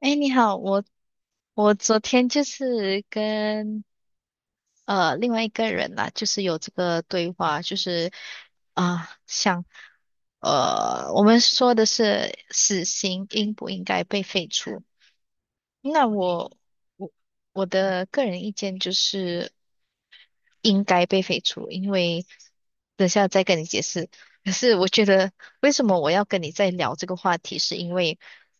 哎，你好，我昨天就是跟另外一个人啦，就是有这个对话，就是啊、我们说的是死刑应不应该被废除？那我我我的个人意见就是，应该被废除，因为等下再跟你解释。可是我觉得，为什么我要跟你再聊这个话题，是因为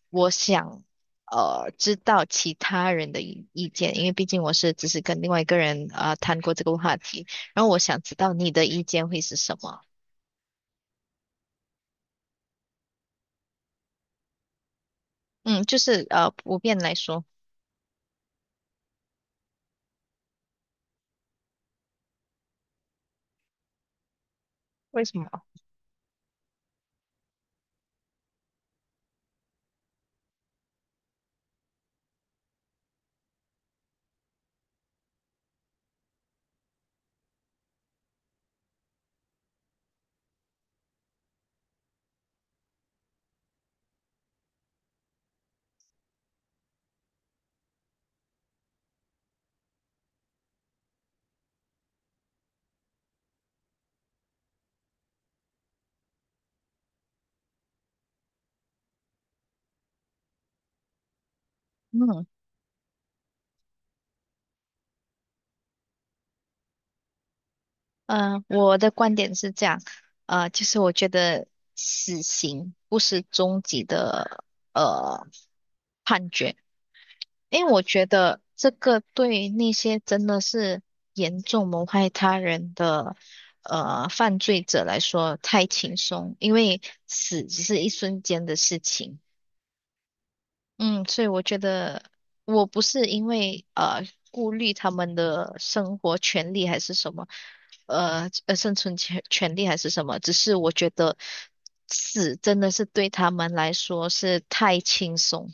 我想知道其他人的意见，因为毕竟我只是跟另外一个人啊谈过这个话题，然后我想知道你的意见会是什么。嗯，就是普遍来说，为什么？嗯我的观点是这样，就是我觉得死刑不是终极的。呃因为我觉得这个对那些真的是严重谋害他人的犯罪者来说太轻松，因为死只是一瞬间的事情。嗯，所以我觉得我不是因为顾虑他们的生活权利还是什么，生存权利还是什么，只是我觉得死真的是对他们来说是太轻松。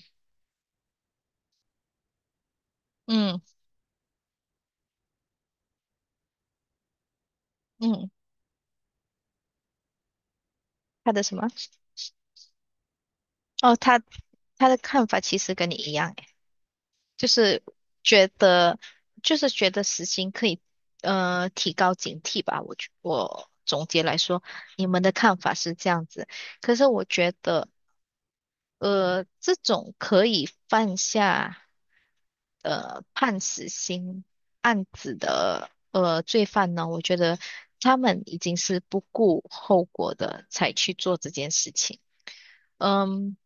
嗯嗯，他的什么？哦，他的看法其实跟你一样，诶，就是觉得死刑可以提高警惕吧。我总结来说，你们的看法是这样子，可是我觉得这种可以犯下判死刑案子的罪犯呢，我觉得他们已经是不顾后果的才去做这件事情。嗯，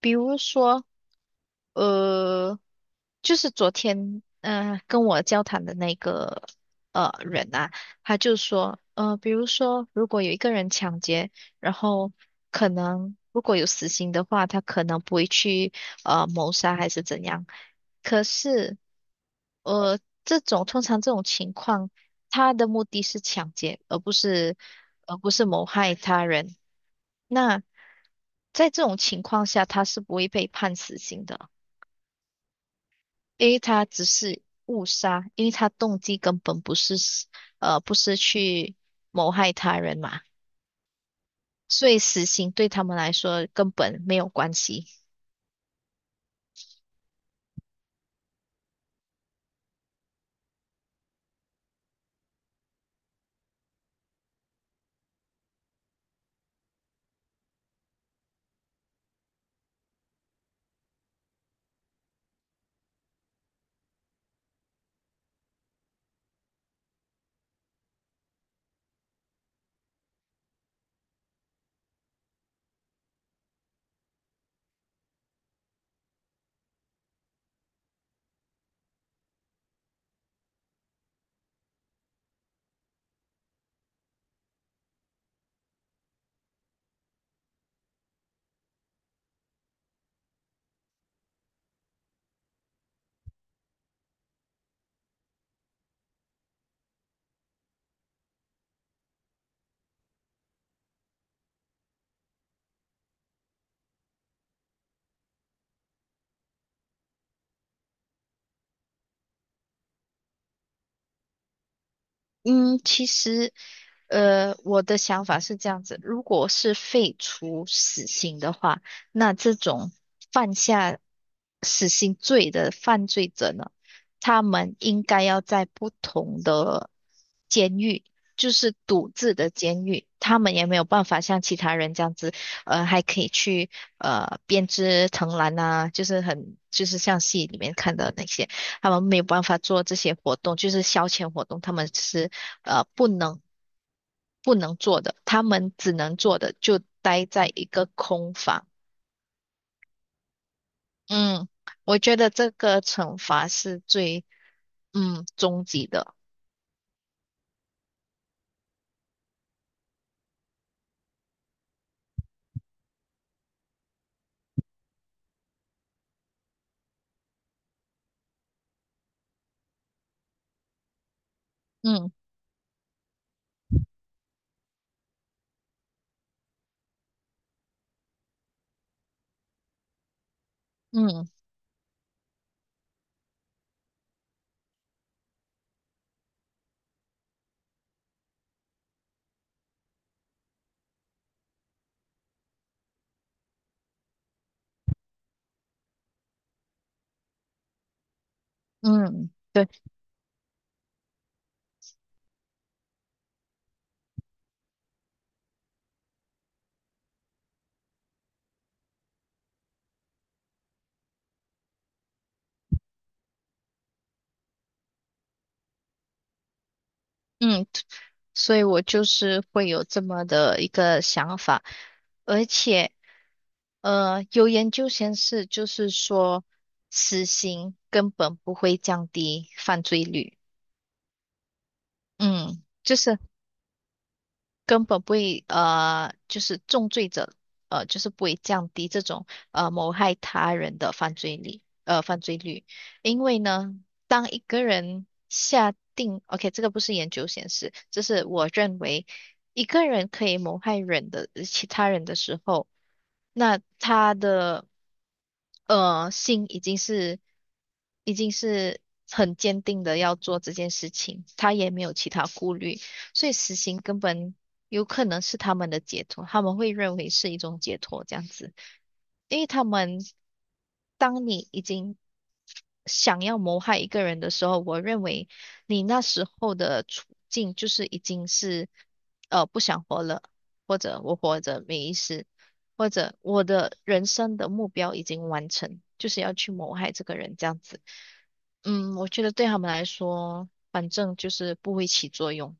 比如说，呃，就是昨天，跟我交谈的那个人啊，他就说，比如说，如果有一个人抢劫，然后可能如果有死刑的话，他可能不会去谋杀还是怎样，可是，呃，通常这种情况，他的目的是抢劫，而不是谋害他人。那在这种情况下，他是不会被判死刑的，因为他只是误杀，因为他动机根本不是去谋害他人嘛，所以死刑对他们来说根本没有关系。嗯，其实，我的想法是这样子，如果是废除死刑的话，那这种犯下死刑罪的犯罪者呢，他们应该要在不同的监狱，就是独自的监狱，他们也没有办法像其他人这样子，还可以去编织藤篮啊，就是很就是像戏里面看的那些，他们没有办法做这些活动，就是消遣活动，他们是呃不能不能做的，他们只能做的就待在一个空房。嗯，我觉得这个惩罚是最终极的。嗯嗯嗯，对，嗯，所以我就是会有这么的一个想法，而且有研究显示，就是说死刑根本不会降低犯罪率。嗯，就是，根本不会就是重罪者就是不会降低这种谋害他人的犯罪率，因为呢，当一个人下定，OK，这个不是研究显示，这是我认为一个人可以谋害其他人的时候。那他的心已经是很坚定的要做这件事情，他也没有其他顾虑，所以死刑根本有可能是他们的解脱，他们会认为是一种解脱这样子，因为当你已经想要谋害一个人的时候，我认为你那时候的处境就是已经是不想活了，或者我活着没意思，或者我的人生的目标已经完成，就是要去谋害这个人这样子。嗯，我觉得对他们来说，反正就是不会起作用。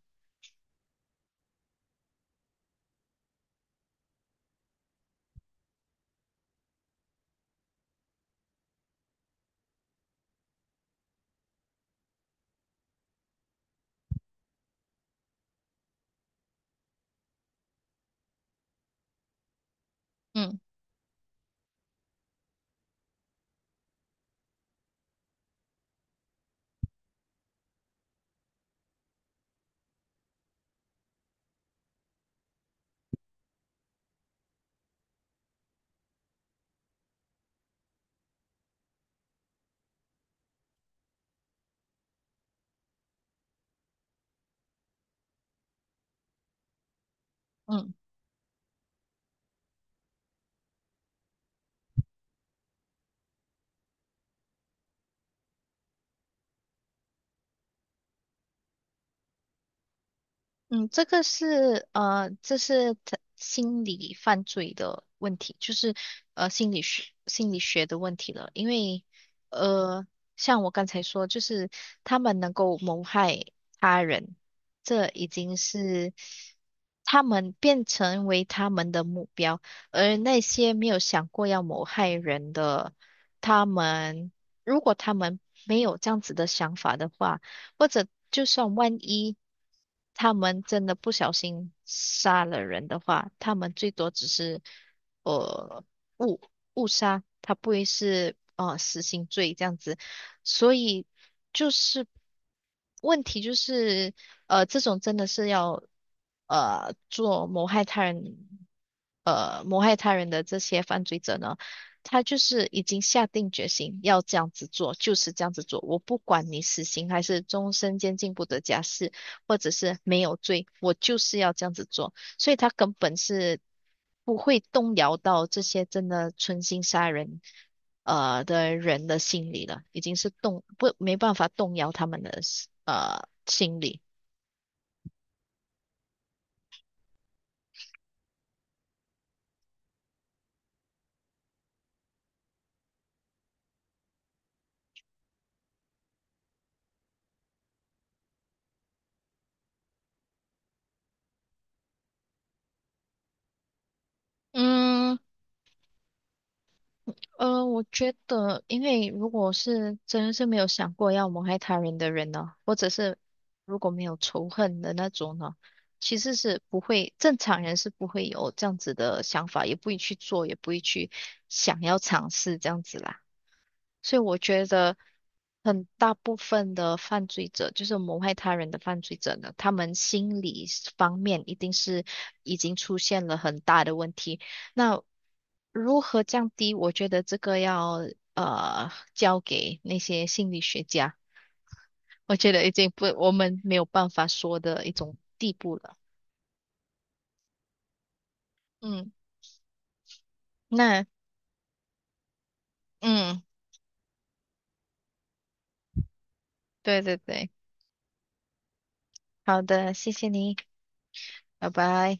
嗯嗯。嗯，这是他心理犯罪的问题，就是心理学的问题了。因为呃，像我刚才说，就是他们能够谋害他人，这已经是他们变成为他们的目标，而那些没有想过要谋害人的，他们如果他们没有这样子的想法的话。或者就算万一他们真的不小心杀了人的话，他们最多只是呃误误杀，他不会是死刑罪这样子。所以就是问题就是这种真的是要做谋害他人的这些犯罪者呢。他就是已经下定决心要这样子做，就是这样子做。我不管你死刑还是终身监禁不得假释，或者是没有罪，我就是要这样子做。所以他根本是不会动摇到这些真的存心杀人的人的心理了，已经是动不没办法动摇他们的心理。嗯。我觉得，因为如果是真的是没有想过要谋害他人的人呢，或者是如果没有仇恨的那种呢，其实是不会，正常人是不会有这样子的想法，也不会去做，也不会去想要尝试这样子啦。所以我觉得很大部分的犯罪者，就是谋害他人的犯罪者呢，他们心理方面一定是已经出现了很大的问题。那如何降低？我觉得这个要交给那些心理学家，我觉得已经不我们没有办法说的一种地步了。嗯，那嗯，对对对，好的，谢谢你，拜拜。